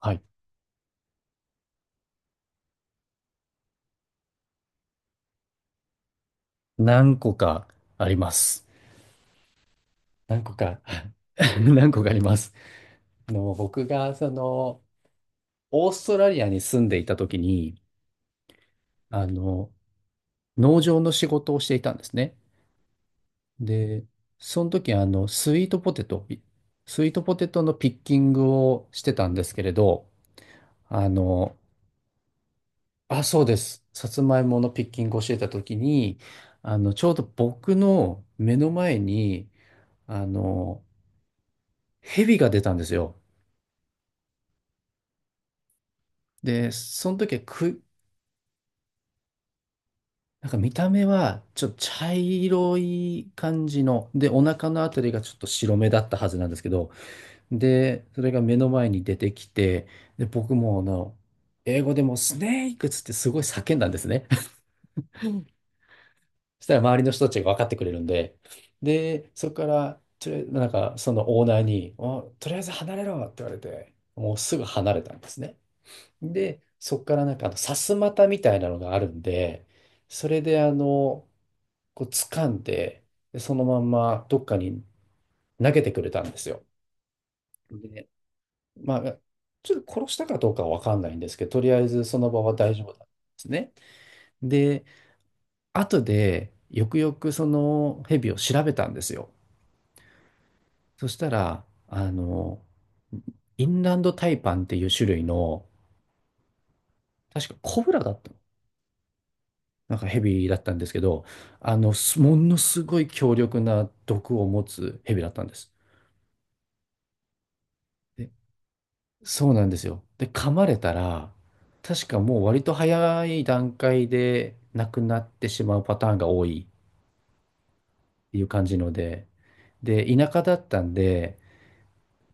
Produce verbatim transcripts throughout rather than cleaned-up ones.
はい。何個かあります。何個か 何個かあります。あの、僕が、その、オーストラリアに住んでいた時に、あの、農場の仕事をしていたんですね。で、その時、あの、スイートポテト、スイートポテトのピッキングをしてたんですけれど、あの、あ、そうです。さつまいものピッキングをしてた時に、あの、ちょうど僕の目の前に、あの、蛇が出たんですよ。で、その時はく、なんか見た目はちょっと茶色い感じの、で、お腹のあたりがちょっと白目だったはずなんですけど、で、それが目の前に出てきて、で、僕もあの、英語でもうスネークっつってすごい叫んだんですね。そしたら周りの人たちが分かってくれるんで、で、そこから、とりあえずなんかそのオーナーに、おとりあえず離れろって言われて、もうすぐ離れたんですね。で、そこからなんかあの、さすまたみたいなのがあるんで、それであの、こう掴んで、でそのまんまどっかに投げてくれたんですよ。で、まあ、ちょっと殺したかどうかはわかんないんですけど、とりあえずその場は大丈夫なんですね。で、後でよくよくそのヘビを調べたんですよ。そしたら、あの、インランドタイパンっていう種類の、確かコブラだったの。なんかヘビだったんですけど、あの、すものすごい強力な毒を持つヘビだったんです。でそうなんですよ。で、噛まれたら、確かもう割と早い段階で亡くなってしまうパターンが多いっていう感じので、で、田舎だったんで、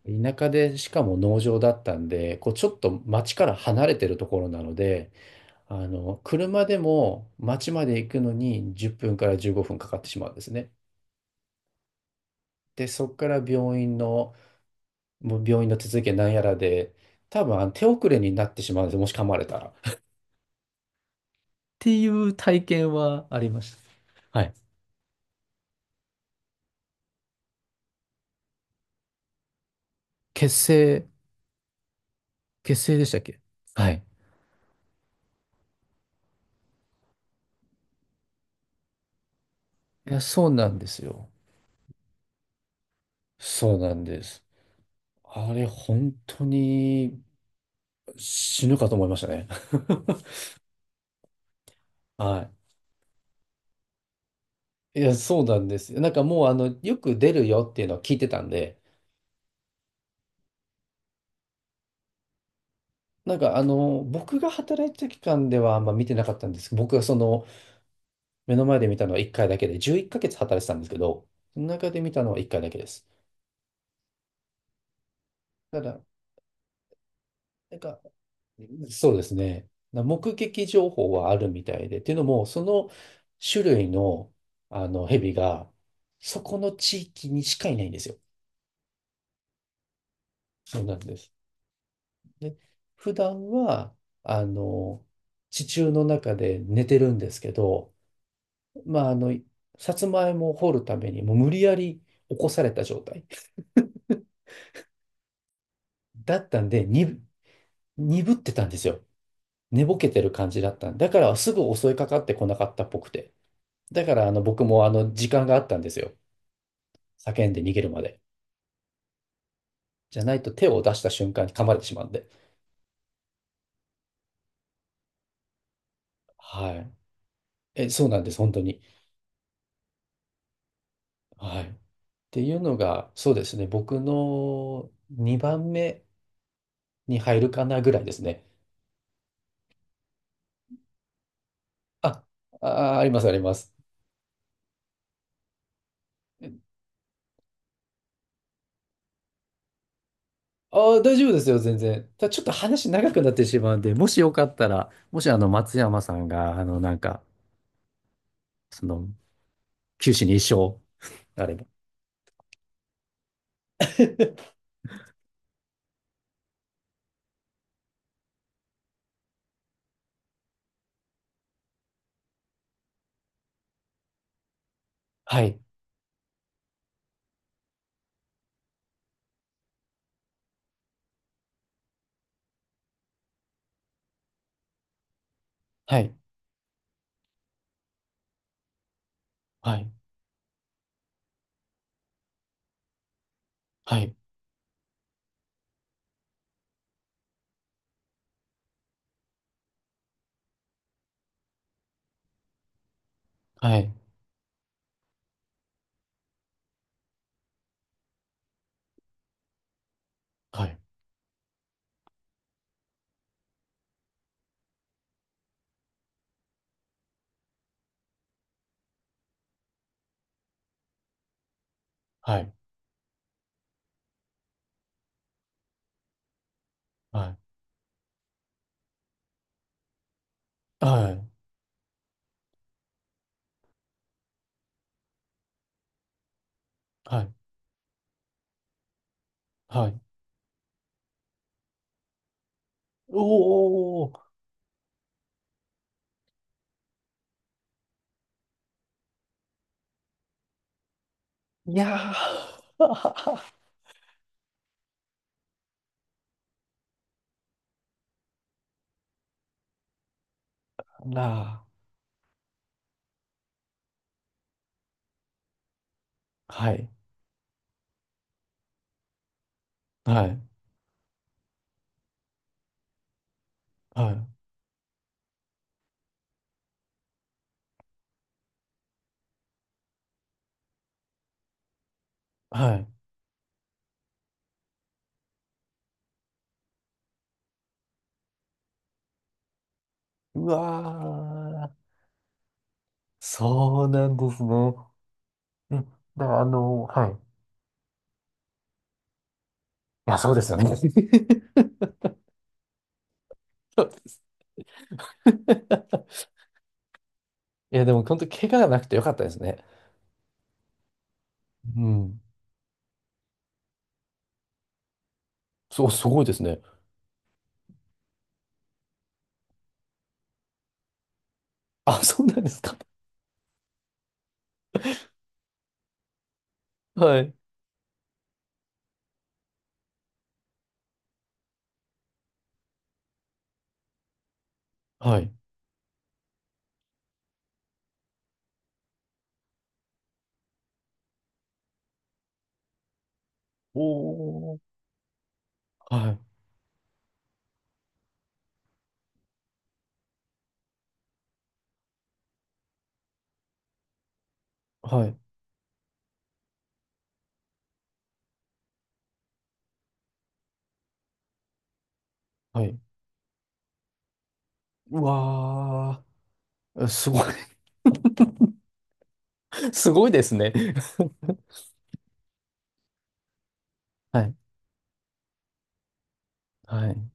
田舎でしかも農場だったんで、こうちょっと町から離れてるところなので、あの、車でも町まで行くのにじゅっぷんからじゅうごふんかかってしまうんですね。で、そこから病院の、もう病院の手続きなんやらで、多分あの手遅れになってしまうんですよ、もし噛まれたら。ていう体験はありました。はい。結成、結成でしたっけ。はい。いや、そうなんですよ。そうなんです。あれ、本当に死ぬかと思いましたね。はい。いや、そうなんですよ。なんかもう、あの、よく出るよっていうのは聞いてたんで、なんか、あの、僕が働いてた期間ではあんま見てなかったんですけど、僕がその、目の前で見たのはいっかいだけで、じゅういっかげつ働いてたんですけど、その中で見たのはいっかいだけです。ただ、なんか、そうですね。な目撃情報はあるみたいで、っていうのも、その種類の、あの蛇が、そこの地域にしかいないんですよ。そうなんです。で、普段は、あの、地中の中で寝てるんですけど、まあ、あの、さつまいもを掘るために、もう無理やり起こされた状態だったんで、に、鈍ってたんですよ。寝ぼけてる感じだったんでだから、すぐ襲いかかってこなかったっぽくて。だからあの僕もあの時間があったんですよ。叫んで逃げるまで。じゃないと手を出した瞬間に噛まれてしまうんで。はい。え、そうなんです、本当に。はい。っていうのが、そうですね、僕のにばんめに入るかなぐらいですね。あ、あ、あります、あります。ああ、大丈夫ですよ、全然。ただちょっと話長くなってしまうんで、もしよかったら、もしあの松山さんが、あの、なんか、その、九死に一生があれば。はい、はい、はい、はい、はい、はい。はい、はい、はい、はい、はい。おー、いやー、なあ、はい、はい、はい、はい。うわー、そうなんですね。うん、だからあの、はい。いや、そうですよね。そうです。いや、でも本当、怪我がなくてよかったですね。うん。そう、すごいですね。あ、そうなんですか。はい。はい。おー。はい。はい。はい。うわー。すごい。すごいですね。はい。はい。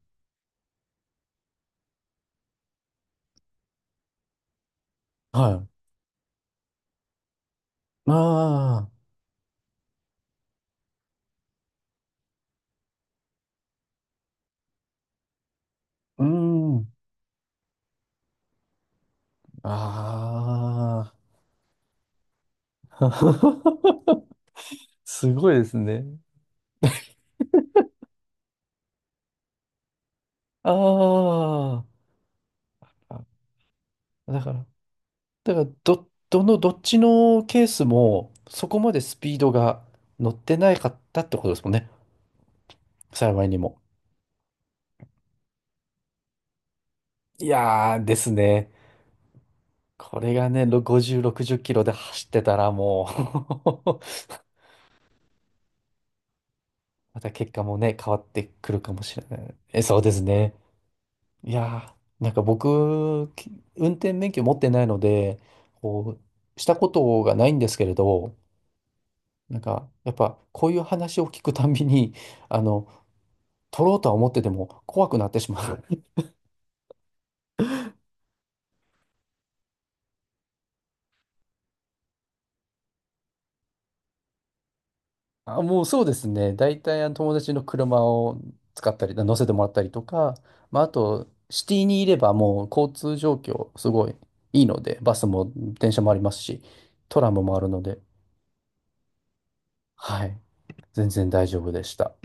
はい。ああ、うーん。ああ。すごいですね。ああ。だから、だから、ど、どの、どっちのケースも、そこまでスピードが乗ってないかったってことですもんね。幸いにも。いやーですね。これがね、ろごじゅう、ろくじゅっキロで走ってたらもう また結果もね、変わってくるかもしれない。え、そうですね。いやー、なんか僕、き運転免許持ってないので、こう、したことがないんですけれど、なんか、やっぱ、こういう話を聞くたんびに、あの、取ろうとは思ってても怖くなってしまう。あ、もうそうですね。大体、あの、友達の車を使ったり、乗せてもらったりとか、まあ、あと、シティにいればもう交通状況、すごいいいので、バスも電車もありますし、トラムもあるので、はい、全然大丈夫でした。